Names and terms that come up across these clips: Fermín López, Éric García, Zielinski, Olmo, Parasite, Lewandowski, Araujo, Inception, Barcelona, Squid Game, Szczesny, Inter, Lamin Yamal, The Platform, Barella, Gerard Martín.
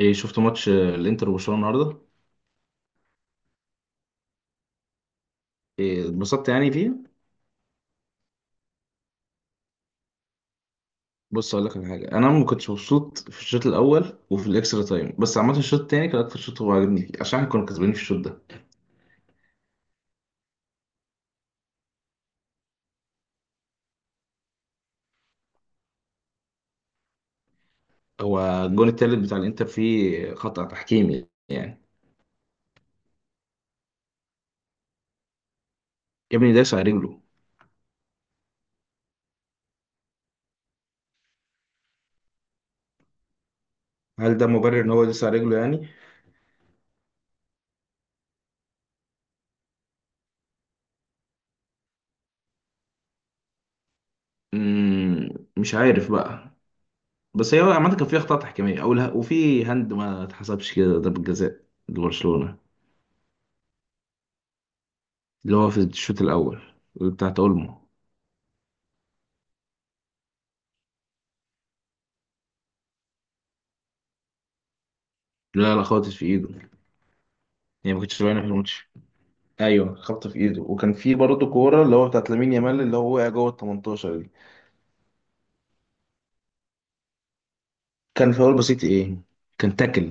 إيه، شفت ماتش الانتر وبرشلونه النهارده؟ إيه، اتبسطت يعني فيه. بص، اقول لك على حاجه، انا ما كنتش مبسوط في الشوط الاول وفي الاكسترا تايم، بس عامه الشوط التاني كان اكتر شوط هو عاجبني فيه، عشان احنا كنا كسبانين في الشوط ده. هو الجون التالت بتاع الانتر فيه خطأ تحكيمي يعني. يا ابني داس على رجله. هل ده مبرر ان هو داس على رجله يعني؟ مم، مش عارف بقى. بس هي عامه كان فيه اخطاء تحكيميه، اول وفي هاند ما اتحسبش كده ضربة جزاء لبرشلونه. اللي هو في الشوط الاول، بتاعت اولمو. لا لا خالص، في ايده. يعني ما كنتش باينه في الماتش. ايوه خبطه في ايده، وكان في برضه كوره اللي هو بتاعت لامين يامال اللي هو وقع جوه ال 18 دي. كان فاول بسيط ايه، كان تاكل.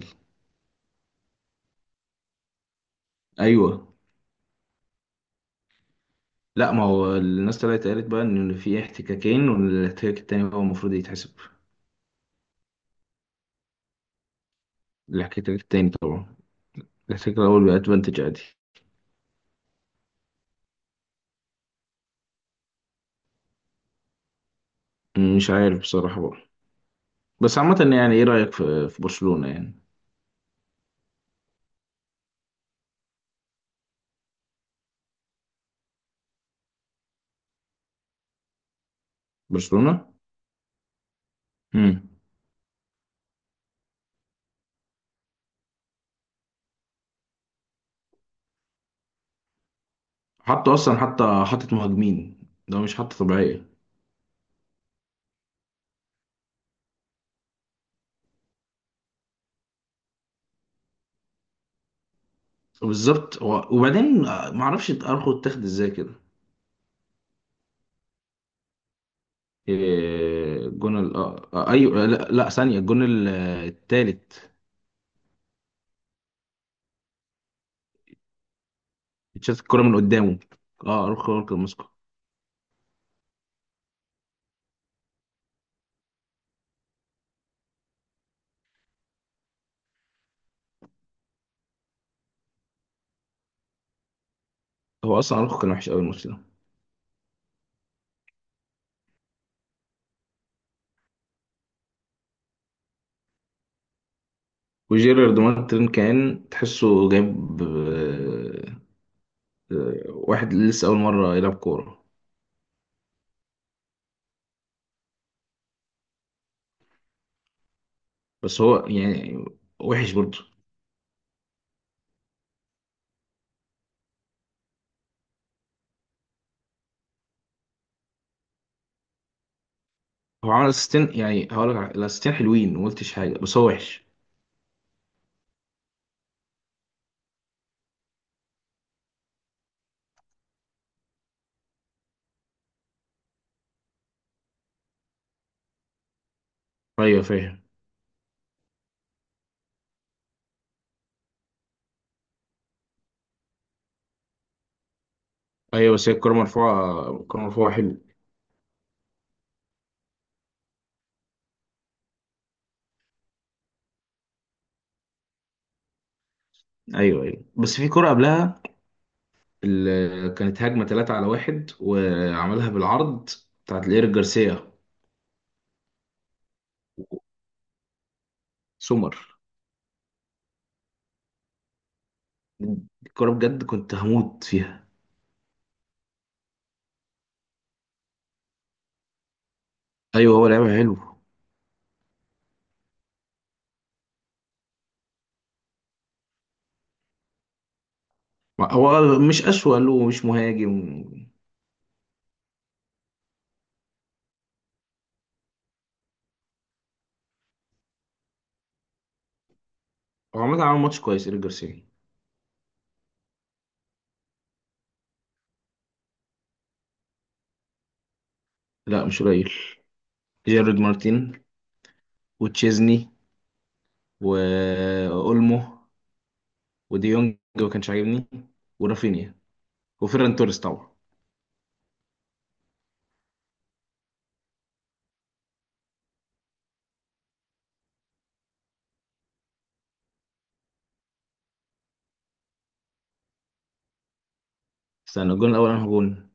ايوه. لا، ما هو الناس طلعت قالت بقى ان في احتكاكين، والاحتكاك التاني هو المفروض يتحسب. الاحتكاك التاني طبعا. الاحتكاك الاول بقى ادفانتج عادي. مش عارف بصراحه بقى. بس عامه يعني، ايه رايك في برشلونه يعني؟ برشلونه. امم حطوا اصلا حتى، حطت مهاجمين. ده مش حتى طبيعيه. بالظبط. وبعدين ما اعرفش ارخو اتاخد ازاي كده. إيه، الجون ال آه، آه، ايوه لا, لا ثانيه، الجون ال- آه، التالت. اتشاط الكره من قدامه. اه، ارخو هو اللي كان ماسكه. هو اصلا ارخو كان وحش قوي الماتش ده. وجيرارد مارتن كان تحسه جايب واحد لسه اول مره يلعب كوره. بس هو يعني وحش برضه. هو عمل اسيستين يعني، الاسيستين حلوين ما قلتش حاجه، بس هو وحش. ايوه فاهم. ايوه بس هي الكوره مرفوعه، الكوره مرفوعه حلو. ايوه ايوه، بس في كرة قبلها كانت هجمة 3 على واحد وعملها بالعرض، بتاعت لإيريك جارسيا. سمر. الكرة بجد كنت هموت فيها. ايوه هو لعيب حلو. هو مش أسوأ له، مش مهاجم. هو عامة عمل ماتش كويس إيريك جارسيا. لا مش قليل. جيرارد مارتين، وتشيزني، وأولمو، وديونج ما كانش عاجبني، ورافينيا، وفيران توريس طبعا. استنى، الجون الأول أنا جون.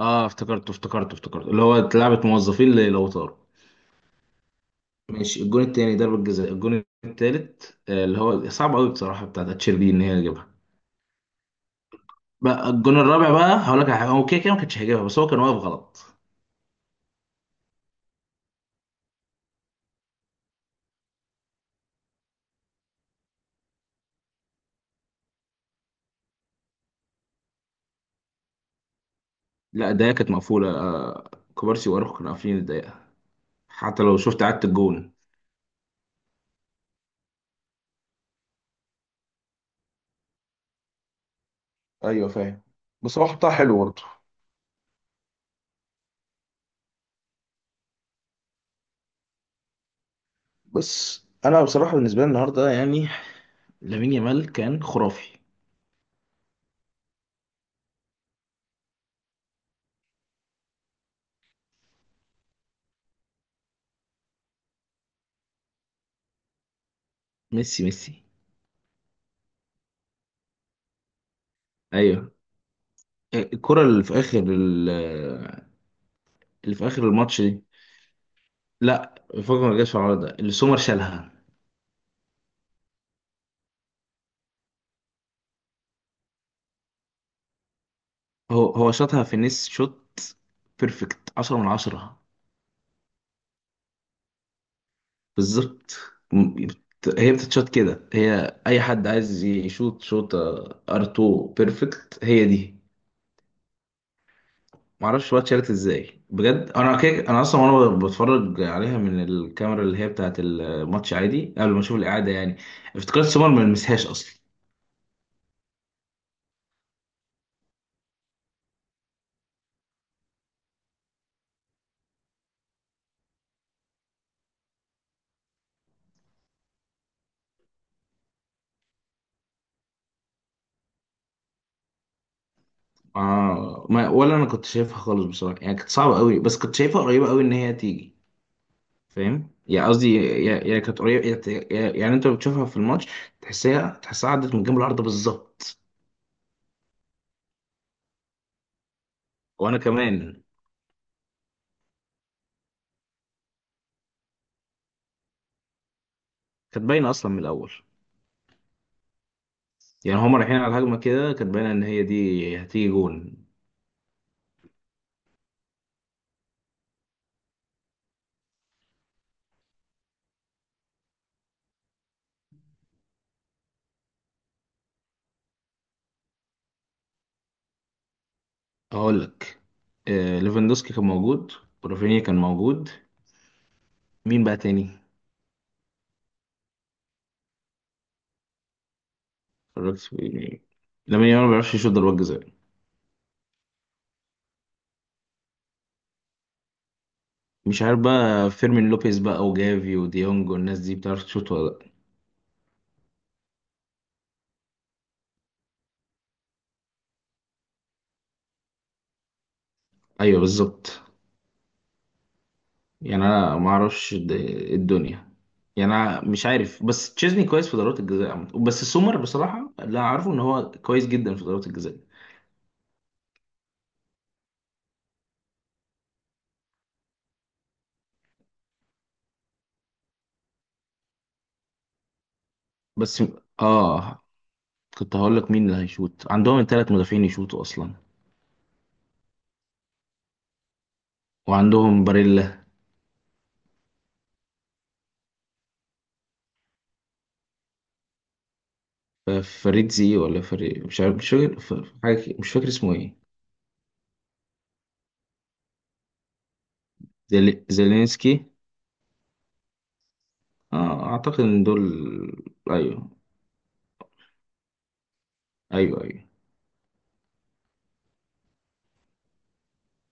اه افتكرته افتكرته افتكرته، اللي هو لعبة موظفين لو طاروا. ماشي. الجون التاني ضربة جزاء. الجون التالت اللي هو صعب قوي بصراحة بتاعت اتشيربي ان هي تجيبها. بقى الجون الرابع بقى، هقول لك على حاجة، هو كده كده ما كانش هيجيبها، بس هو كان واقف غلط. لا الدقيقة كانت مقفولة. كوبارسي واروخو كانوا قافلين الدقيقة. حتى لو شفت عدت الجون. ايوه فاهم. بس هو حطها حلو برضه. بس انا بصراحه بالنسبه لي النهارده يعني، لامين يامال كان خرافي. ميسي ميسي. ايوه. الكرة اللي في اخر، اللي في اخر الماتش دي. لا، فجر، ما جاش في العارضه اللي سومر شالها. هو هو شاطها في نس شوت، بيرفكت 10 من 10. بالظبط. هي بتتشوت كده، هي اي حد عايز يشوت شوت. ار 2 بيرفكت هي دي. معرفش بقى اتشالت ازاي بجد. انا كده، انا اصلا وانا بتفرج عليها من الكاميرا اللي هي بتاعت الماتش عادي قبل ما اشوف الاعاده يعني، افتكرت سومر ما لمسهاش اصلا. آه ما ولا انا كنت شايفها خالص بصراحه يعني، كانت صعبه قوي، بس كنت شايفها قريبه قوي ان هي تيجي. فاهم يعني؟ قصدي يا- يا يعني كانت قريبه. يعني انت بتشوفها في الماتش، تحسها تحسها عدت من جنب العارضه بالظبط. وانا كمان. كانت باينه اصلا من الاول. يعني هما رايحين على الهجمه كده، كانت باينه ان هي دي هتيجي جون. اقول لك، آه ليفاندوسكي كان موجود، ورافينيا كان موجود. مين بقى تاني؟ الراجل- لامين يامال ما بيعرفش يشوط ضربات جزاء. مش عارف بقى، فيرمين لوبيز بقى وجافي وديونج والناس دي بتعرف تشوط ولا لأ؟ أيوه بالظبط. يعني أنا الدنيا يعني، أنا مش عارف، بس تشيزني كويس في ضربات الجزاء عامة، بس سومر بصراحة اللي أعرفه إن هو كويس جدا في ضربات الجزاء. بس آه كنت هقول لك، مين اللي هيشوط؟ عندهم 3 مدافعين يشوطوا أصلا، وعندهم باريلا. ف- فريد زي، ولا فريد، مش عارف، مش فاكر، مش فاكر اسمه إيه. زيلينسكي. آه أعتقد إن دول. أيوه أيوه أيوه.